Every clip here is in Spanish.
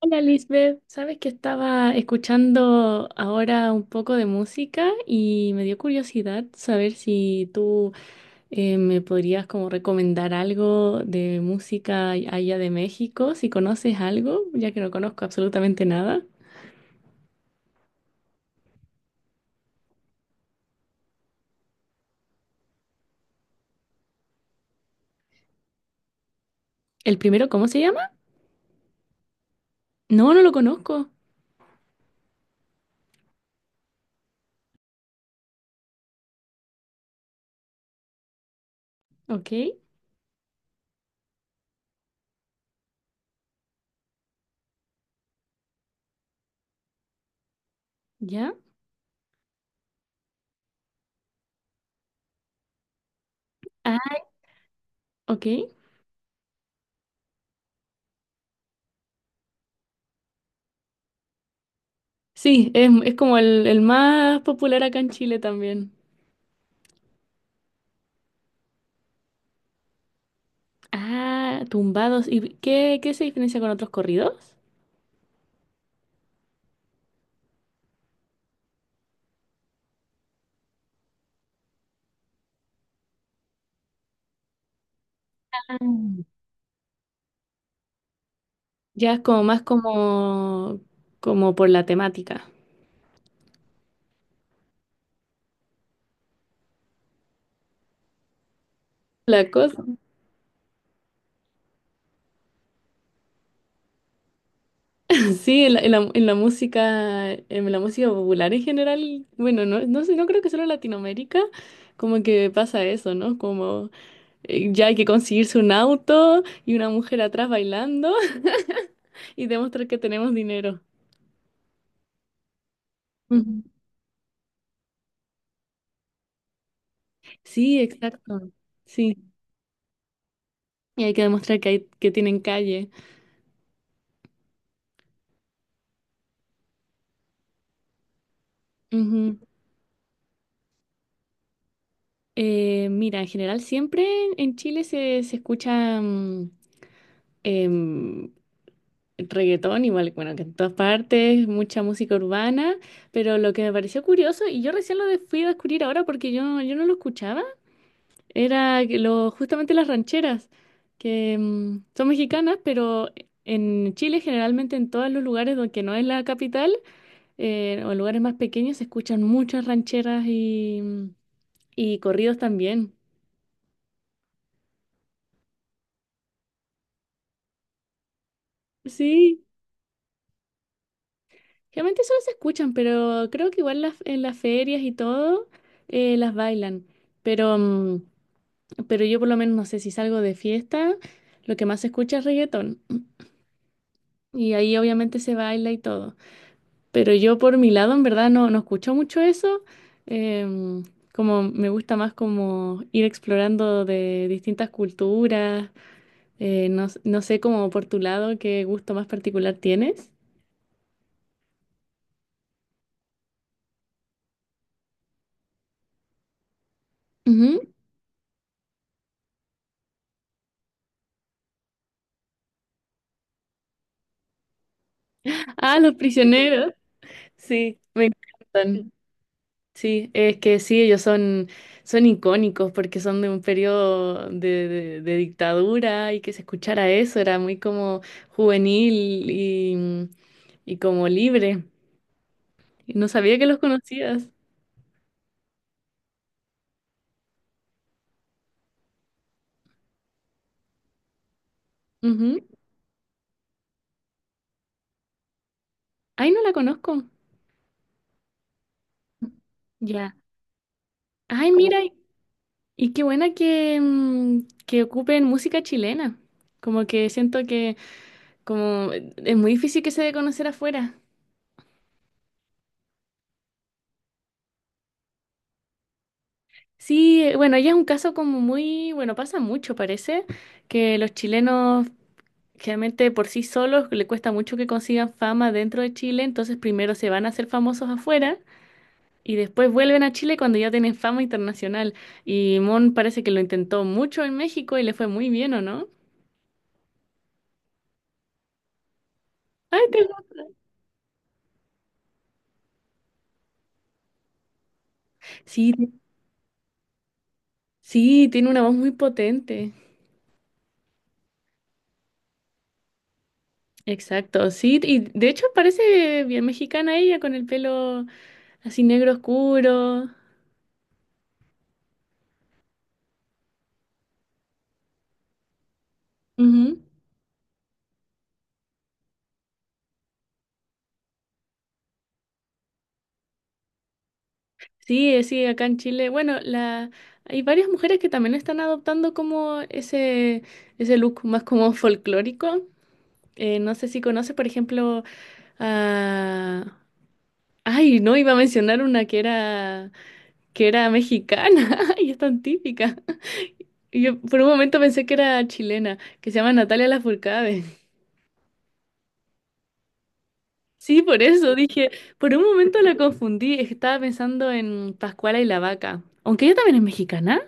Hola Lisbeth, sabes que estaba escuchando ahora un poco de música y me dio curiosidad saber si tú me podrías como recomendar algo de música allá de México, si conoces algo, ya que no conozco absolutamente nada. ¿El primero cómo se llama? No, no lo conozco. Ok, ya. Ah, ok. Sí, es como el más popular acá en Chile también. Ah, tumbados. ¿Y qué, qué se diferencia con otros corridos? Ah. Ya es como más como por la temática. La cosa, sí, en la música popular en general, bueno, no, no sé, no creo que solo en Latinoamérica, como que pasa eso, ¿no? Como ya hay que conseguirse un auto y una mujer atrás bailando y demostrar que tenemos dinero. Ujú. Sí, exacto. Sí, y hay que demostrar que hay, que tienen calle. Ujú. Mira, en general siempre en Chile se escucha em, reggaetón, igual, bueno, que en todas partes, mucha música urbana, pero lo que me pareció curioso, y yo recién fui a descubrir ahora porque yo no lo escuchaba, era que lo, justamente las rancheras, que son mexicanas, pero en Chile generalmente en todos los lugares donde que no es la capital o en lugares más pequeños se escuchan muchas rancheras y corridos también. Sí. Realmente solo se escuchan, pero creo que igual las, en las ferias y todo las bailan. Pero, pero yo por lo menos no sé si salgo de fiesta, lo que más se escucha es reggaetón. Y ahí obviamente se baila y todo. Pero yo por mi lado en verdad no, no escucho mucho eso. em, Como me gusta más como ir explorando de distintas culturas. No, no sé como por tu lado qué gusto más particular tienes. Ujú. Ah, los prisioneros. Sí, me encantan. Sí, es que sí, ellos son, son icónicos porque son de un periodo de dictadura y que se escuchara eso era muy como juvenil y, y como libre. Y no sabía que los conocías. Ujú. Ay, no la conozco. Ya. Ay, mira, y qué buena que, que ocupen música chilena. Como que siento que como es muy difícil que se dé a conocer afuera. Sí, bueno, ella es un caso como muy, bueno, pasa mucho, parece, que los chilenos generalmente por sí solos le cuesta mucho que consigan fama dentro de Chile, entonces primero se van a hacer famosos afuera y después vuelven a Chile cuando ya tienen fama internacional. Y Mon parece que lo intentó mucho en México y le fue muy bien, ¿o no? Ay, sí, sí, tiene una voz muy potente. Exacto, sí, y de hecho parece bien mexicana ella con el pelo así negro oscuro. Ujú. Sí, sí, acá en Chile. Bueno, la... hay varias mujeres que también están adoptando como ese look más como folclórico. No sé si conoces, por ejemplo, a... Ay, no, iba a mencionar una que era mexicana y es tan típica. Y yo por un momento pensé que era chilena, que se llama Natalia Lafourcade. Sí, por eso dije, por un momento la confundí, es que estaba pensando en Pascuala y la Vaca. Aunque ella también es mexicana.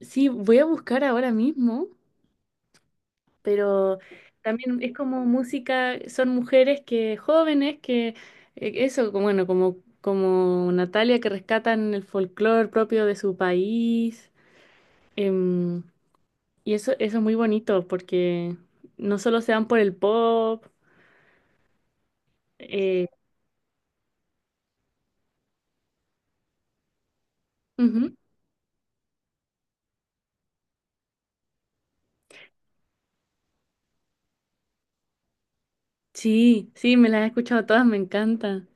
Sí, voy a buscar ahora mismo, pero también es como música, son mujeres que jóvenes que, eso, bueno, como Natalia que rescatan el folclore propio de su país. em, y eso es muy bonito porque no solo se van por el pop. eh, Ujú. Sí, sí, me las he escuchado todas, me encanta.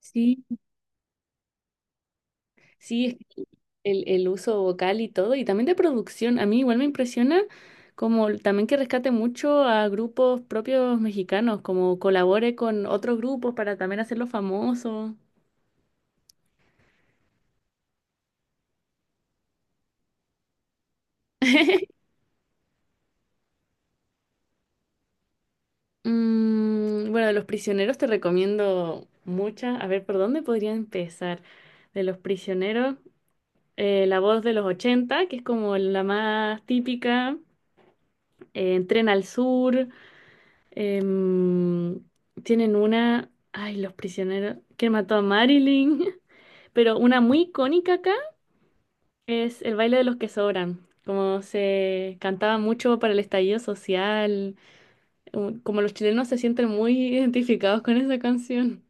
Sí. Sí, es que el uso vocal y todo, y también de producción. A mí igual me impresiona como también que rescate mucho a grupos propios mexicanos, como colabore con otros grupos para también hacerlos famosos. Mm, bueno, de Los Prisioneros te recomiendo muchas. A ver, ¿por dónde podría empezar? De Los Prisioneros, La Voz de los 80 que es como la más típica, Tren al Sur. Em, Tienen una, ay, los prisioneros, que mató a Marilyn, pero una muy icónica acá es el baile de los que sobran, como se cantaba mucho para el estallido social, como los chilenos se sienten muy identificados con esa canción.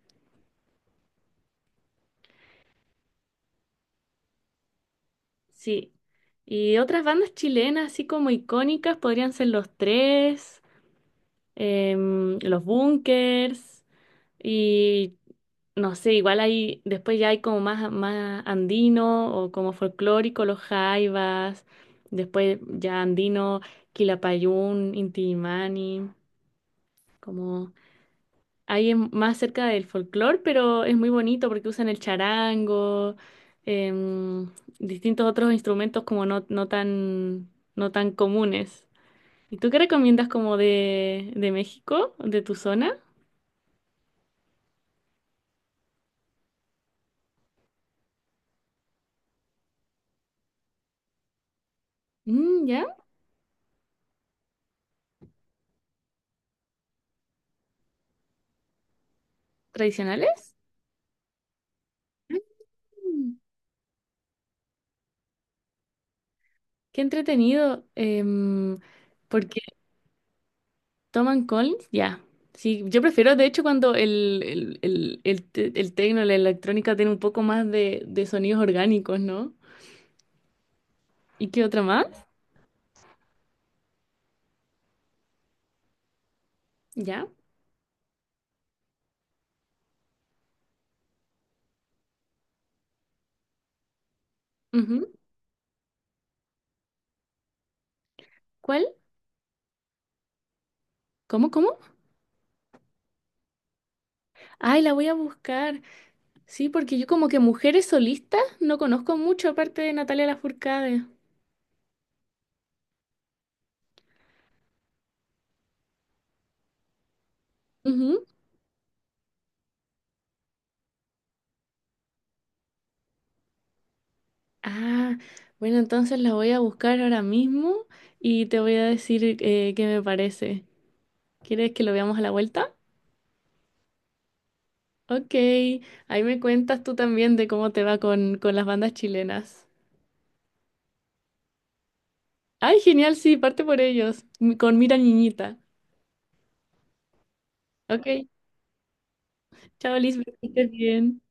Sí. Y otras bandas chilenas, así como icónicas, podrían ser Los Tres, Los Bunkers. Y no sé, igual hay, después ya hay como más, más andino o como folclórico, los jaivas, después ya andino, Quilapayún, Intimani, como ahí es más cerca del folclore, pero es muy bonito porque usan el charango, em, distintos otros instrumentos como no, no tan comunes. ¿Y tú qué recomiendas como de México, de tu zona? Mm, ¿ya? ¿Tradicionales? Qué entretenido, porque toman Collins, ya. Sí, yo prefiero, de hecho, cuando el tecno, la electrónica tiene un poco más de sonidos orgánicos, ¿no? ¿Y qué otra más? Ya. Ujú. ¿Cuál? ¿Cómo, cómo? Ay, la voy a buscar. Sí, porque yo como que mujeres solistas no conozco mucho aparte de Natalia Lafourcade. Ujú. Ah, bueno, entonces la voy a buscar ahora mismo y te voy a decir qué me parece. ¿Quieres que lo veamos a la vuelta? Ok, ahí me cuentas tú también de cómo te va con las bandas chilenas. Ay, genial, sí, parte por ellos, con Mira Niñita. Ok, chao Lisbeth, que estés bien.